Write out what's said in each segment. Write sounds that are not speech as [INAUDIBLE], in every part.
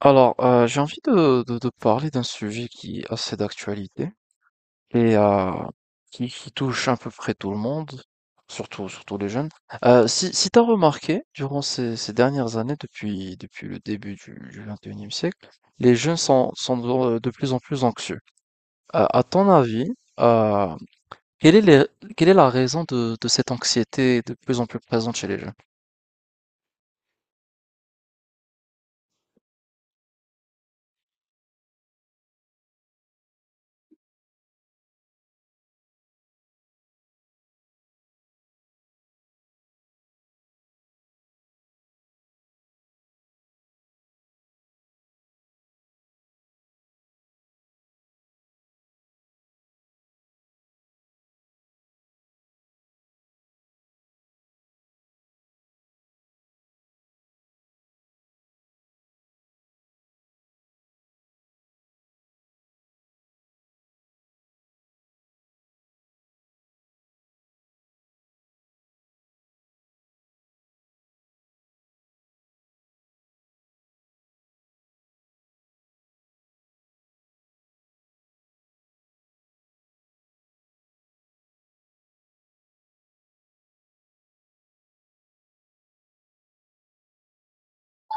Alors, j'ai envie de parler d'un sujet qui est assez d'actualité, et qui touche à peu près tout le monde, surtout, surtout les jeunes. Si tu as remarqué, durant ces dernières années, depuis le début du 21e siècle, les jeunes sont de plus en plus anxieux. À ton avis, euh, quelle est les- quelle est la raison de cette anxiété de plus en plus présente chez les jeunes?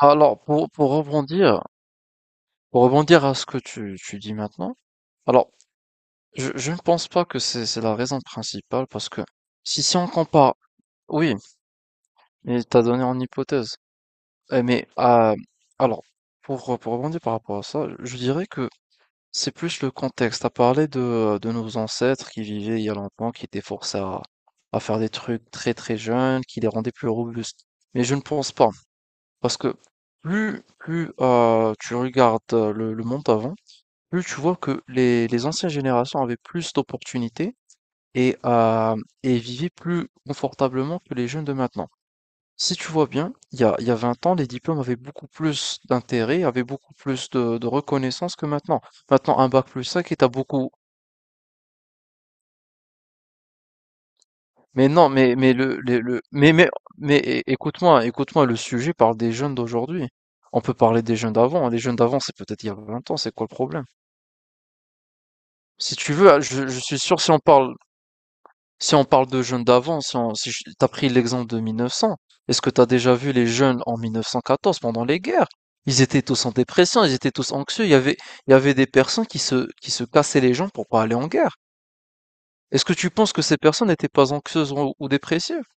Alors, pour, pour rebondir, pour rebondir à ce que tu dis maintenant, alors je ne pense pas que c'est la raison principale, parce que si on compare, oui, mais t'as donné en hypothèse. Eh, mais alors, pour rebondir par rapport à ça, je dirais que c'est plus le contexte. T'as parlé de nos ancêtres qui vivaient il y a longtemps, qui étaient forcés à faire des trucs très très jeunes, qui les rendaient plus robustes. Mais je ne pense pas, parce que plus tu regardes le monde avant, plus tu vois que les anciennes générations avaient plus d'opportunités et, euh, et vivaient plus confortablement que les jeunes de maintenant. Si tu vois bien, il y a 20 ans, les diplômes avaient beaucoup plus d'intérêt, avaient beaucoup plus de reconnaissance que maintenant. Maintenant, un bac plus 5, est à beaucoup. Mais non, mais mais écoute-moi, écoute-moi, le sujet parle des jeunes d'aujourd'hui. On peut parler des jeunes d'avant. Les jeunes d'avant, c'est peut-être il y a 20 ans. C'est quoi le problème? Si tu veux, je suis sûr. Si on parle de jeunes d'avant, si on, si je- t'as pris l'exemple de 1900. Est-ce que t'as déjà vu les jeunes en 1914 pendant les guerres? Ils étaient tous en dépression, ils étaient tous anxieux, il y avait des personnes qui se cassaient les jambes pour pas aller en guerre. Est-ce que tu penses que ces personnes n'étaient pas anxieuses ou dépressives?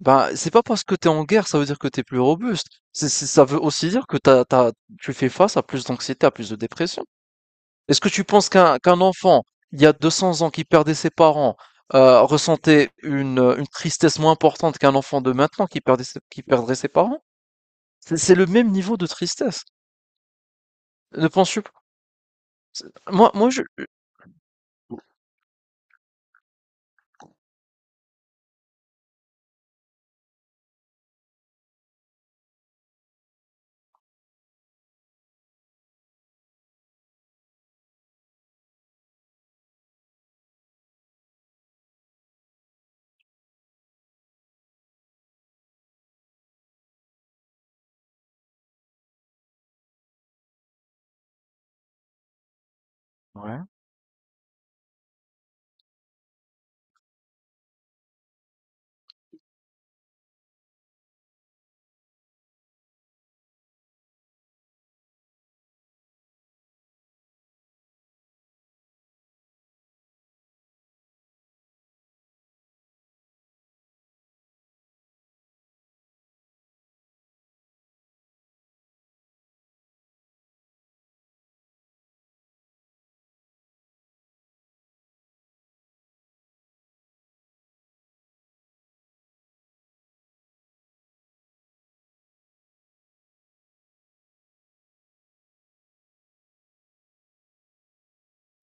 Ben, c'est pas parce que t'es en guerre, ça veut dire que t'es plus robuste. Ça veut aussi dire que tu fais face à plus d'anxiété, à plus de dépression. Est-ce que tu penses qu'un enfant, il y a 200 ans, qui perdait ses parents, ressentait une tristesse moins importante qu'un enfant de maintenant qui perdrait ses parents? C'est le même niveau de tristesse. Ne penses-tu pas? Moi, moi, je. Ouais.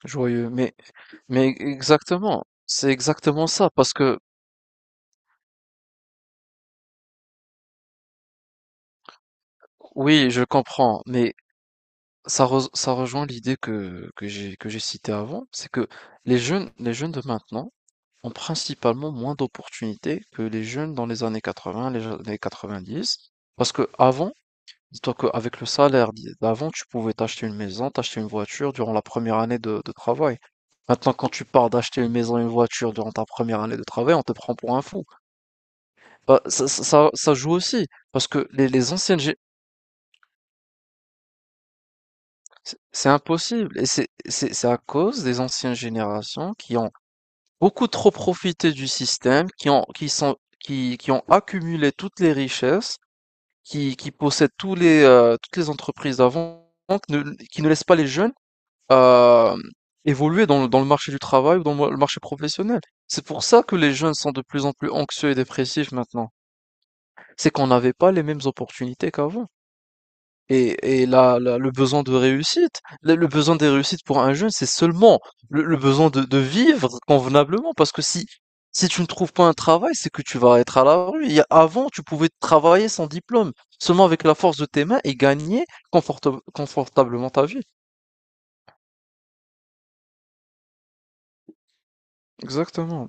Joyeux. Mais, exactement, c'est exactement ça, parce que oui, je comprends, mais ça rejoint l'idée que j'ai citée avant, c'est que les jeunes de maintenant ont principalement moins d'opportunités que les jeunes dans les années 80, les années 90. Parce que avant, dis-toi qu'avec le salaire d'avant, tu pouvais t'acheter une maison, t'acheter une voiture durant la première année de travail. Maintenant, quand tu pars d'acheter une maison et une voiture durant ta première année de travail, on te prend pour un fou. Bah, ça joue aussi. Parce que les anciennes, gé-. C'est impossible, et c'est à cause des anciennes générations qui ont beaucoup trop profité du système, qui ont accumulé toutes les richesses, qui possèdent tous les toutes les entreprises d'avant, qui ne qui ne laissent pas les jeunes euh, évoluer dans le marché du travail, ou dans le marché professionnel. C'est pour ça que les jeunes sont de plus en plus anxieux et dépressifs maintenant. C'est qu'on n'avait pas les mêmes opportunités qu'avant. Et le besoin de réussite, le besoin des réussites pour un jeune, c'est seulement le besoin de vivre convenablement. Parce que si tu ne trouves pas un travail, c'est que tu vas être à la rue. Avant, tu pouvais travailler sans diplôme, seulement avec la force de tes mains, et gagner confortablement ta vie. Exactement.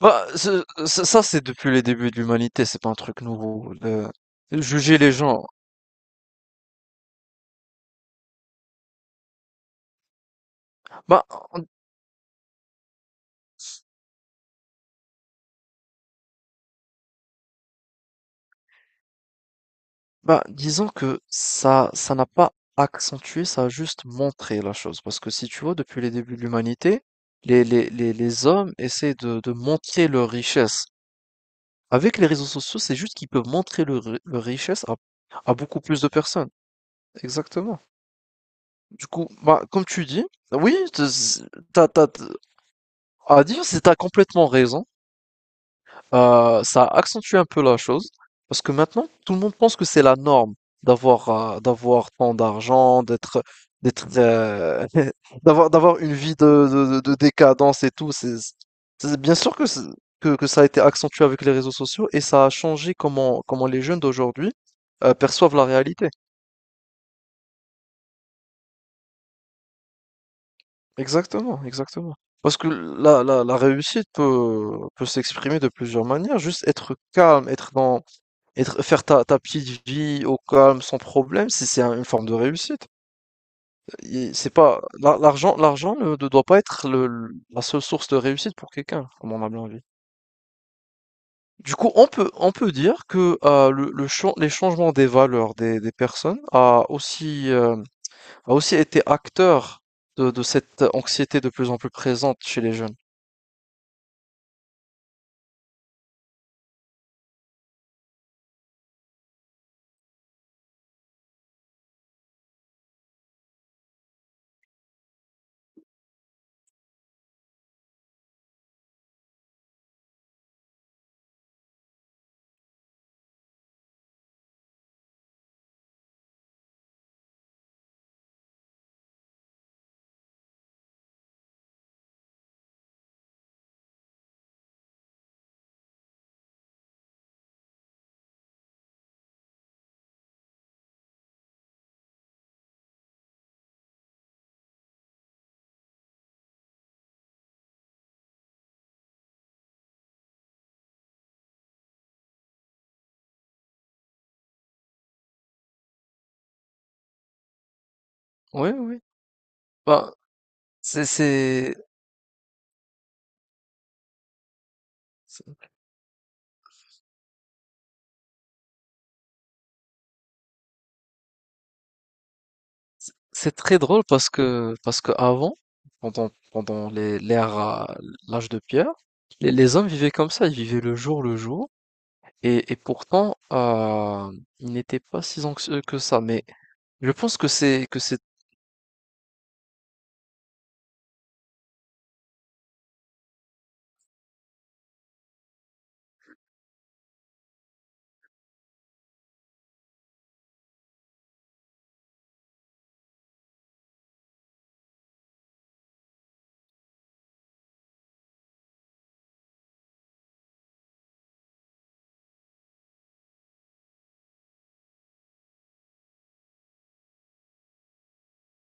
Bah, ça, c'est depuis les débuts de l'humanité. C'est pas un truc nouveau. Juger les gens. Bah, Bah, disons que ça n'a pas accentué, ça a juste montré la chose. Parce que si tu vois, depuis les débuts de l'humanité, les hommes essaient de montrer leur richesse. Avec les réseaux sociaux, c'est juste qu'ils peuvent montrer leur richesse à beaucoup plus de personnes. Exactement. Du coup, bah, comme tu dis, oui, t'as à dire, t'as complètement raison. Ça a accentué un peu la chose, parce que maintenant tout le monde pense que c'est la norme d'avoir tant d'argent, d'être d'être [LAUGHS] d'avoir une vie de décadence, et tout. Bien sûr que, que ça a été accentué avec les réseaux sociaux, et ça a changé comment les jeunes d'aujourd'hui perçoivent la réalité. Exactement, exactement. Parce que la réussite peut s'exprimer de plusieurs manières, juste être calme, être dans, Être faire ta petite vie au calme, sans problème, c'est un une forme de réussite. Et c'est pas l'argent, l'argent ne doit pas être le l la seule source de réussite pour quelqu'un, comme on a bien vu. Du coup, on peut dire que, le chan les changements des valeurs des personnes a aussi été acteur de cette anxiété de plus en plus présente chez les jeunes. Oui, oui. Ben, c'est. C'est très drôle parce que avant, pendant l'ère à l'âge de pierre, les hommes vivaient comme ça, ils vivaient le jour, et pourtant ils n'étaient pas si anxieux que ça. Mais je pense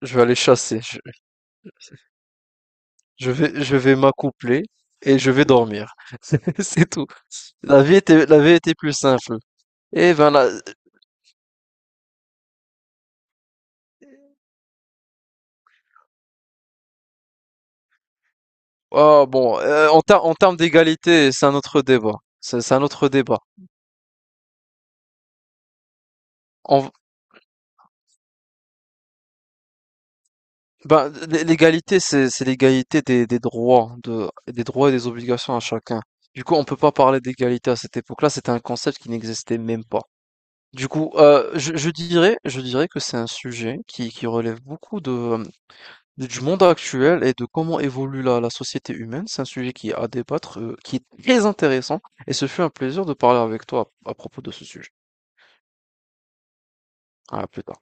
je vais aller chasser, je vais m'accoupler et je vais dormir. [LAUGHS] C'est tout. La vie était plus simple. Et ben là, ah bon, en termes d'égalité, c'est un autre débat. C'est un autre débat. On Ben, l'égalité, c'est l'égalité des droits, des droits et des obligations à chacun. Du coup, on peut pas parler d'égalité à cette époque-là, c'était un concept qui n'existait même pas. Du coup, je dirais que c'est un sujet qui relève beaucoup du monde actuel, et de comment évolue la société humaine. C'est un sujet qui est à débattre, qui est très intéressant, et ce fut un plaisir de parler avec toi à propos de ce sujet. À plus tard.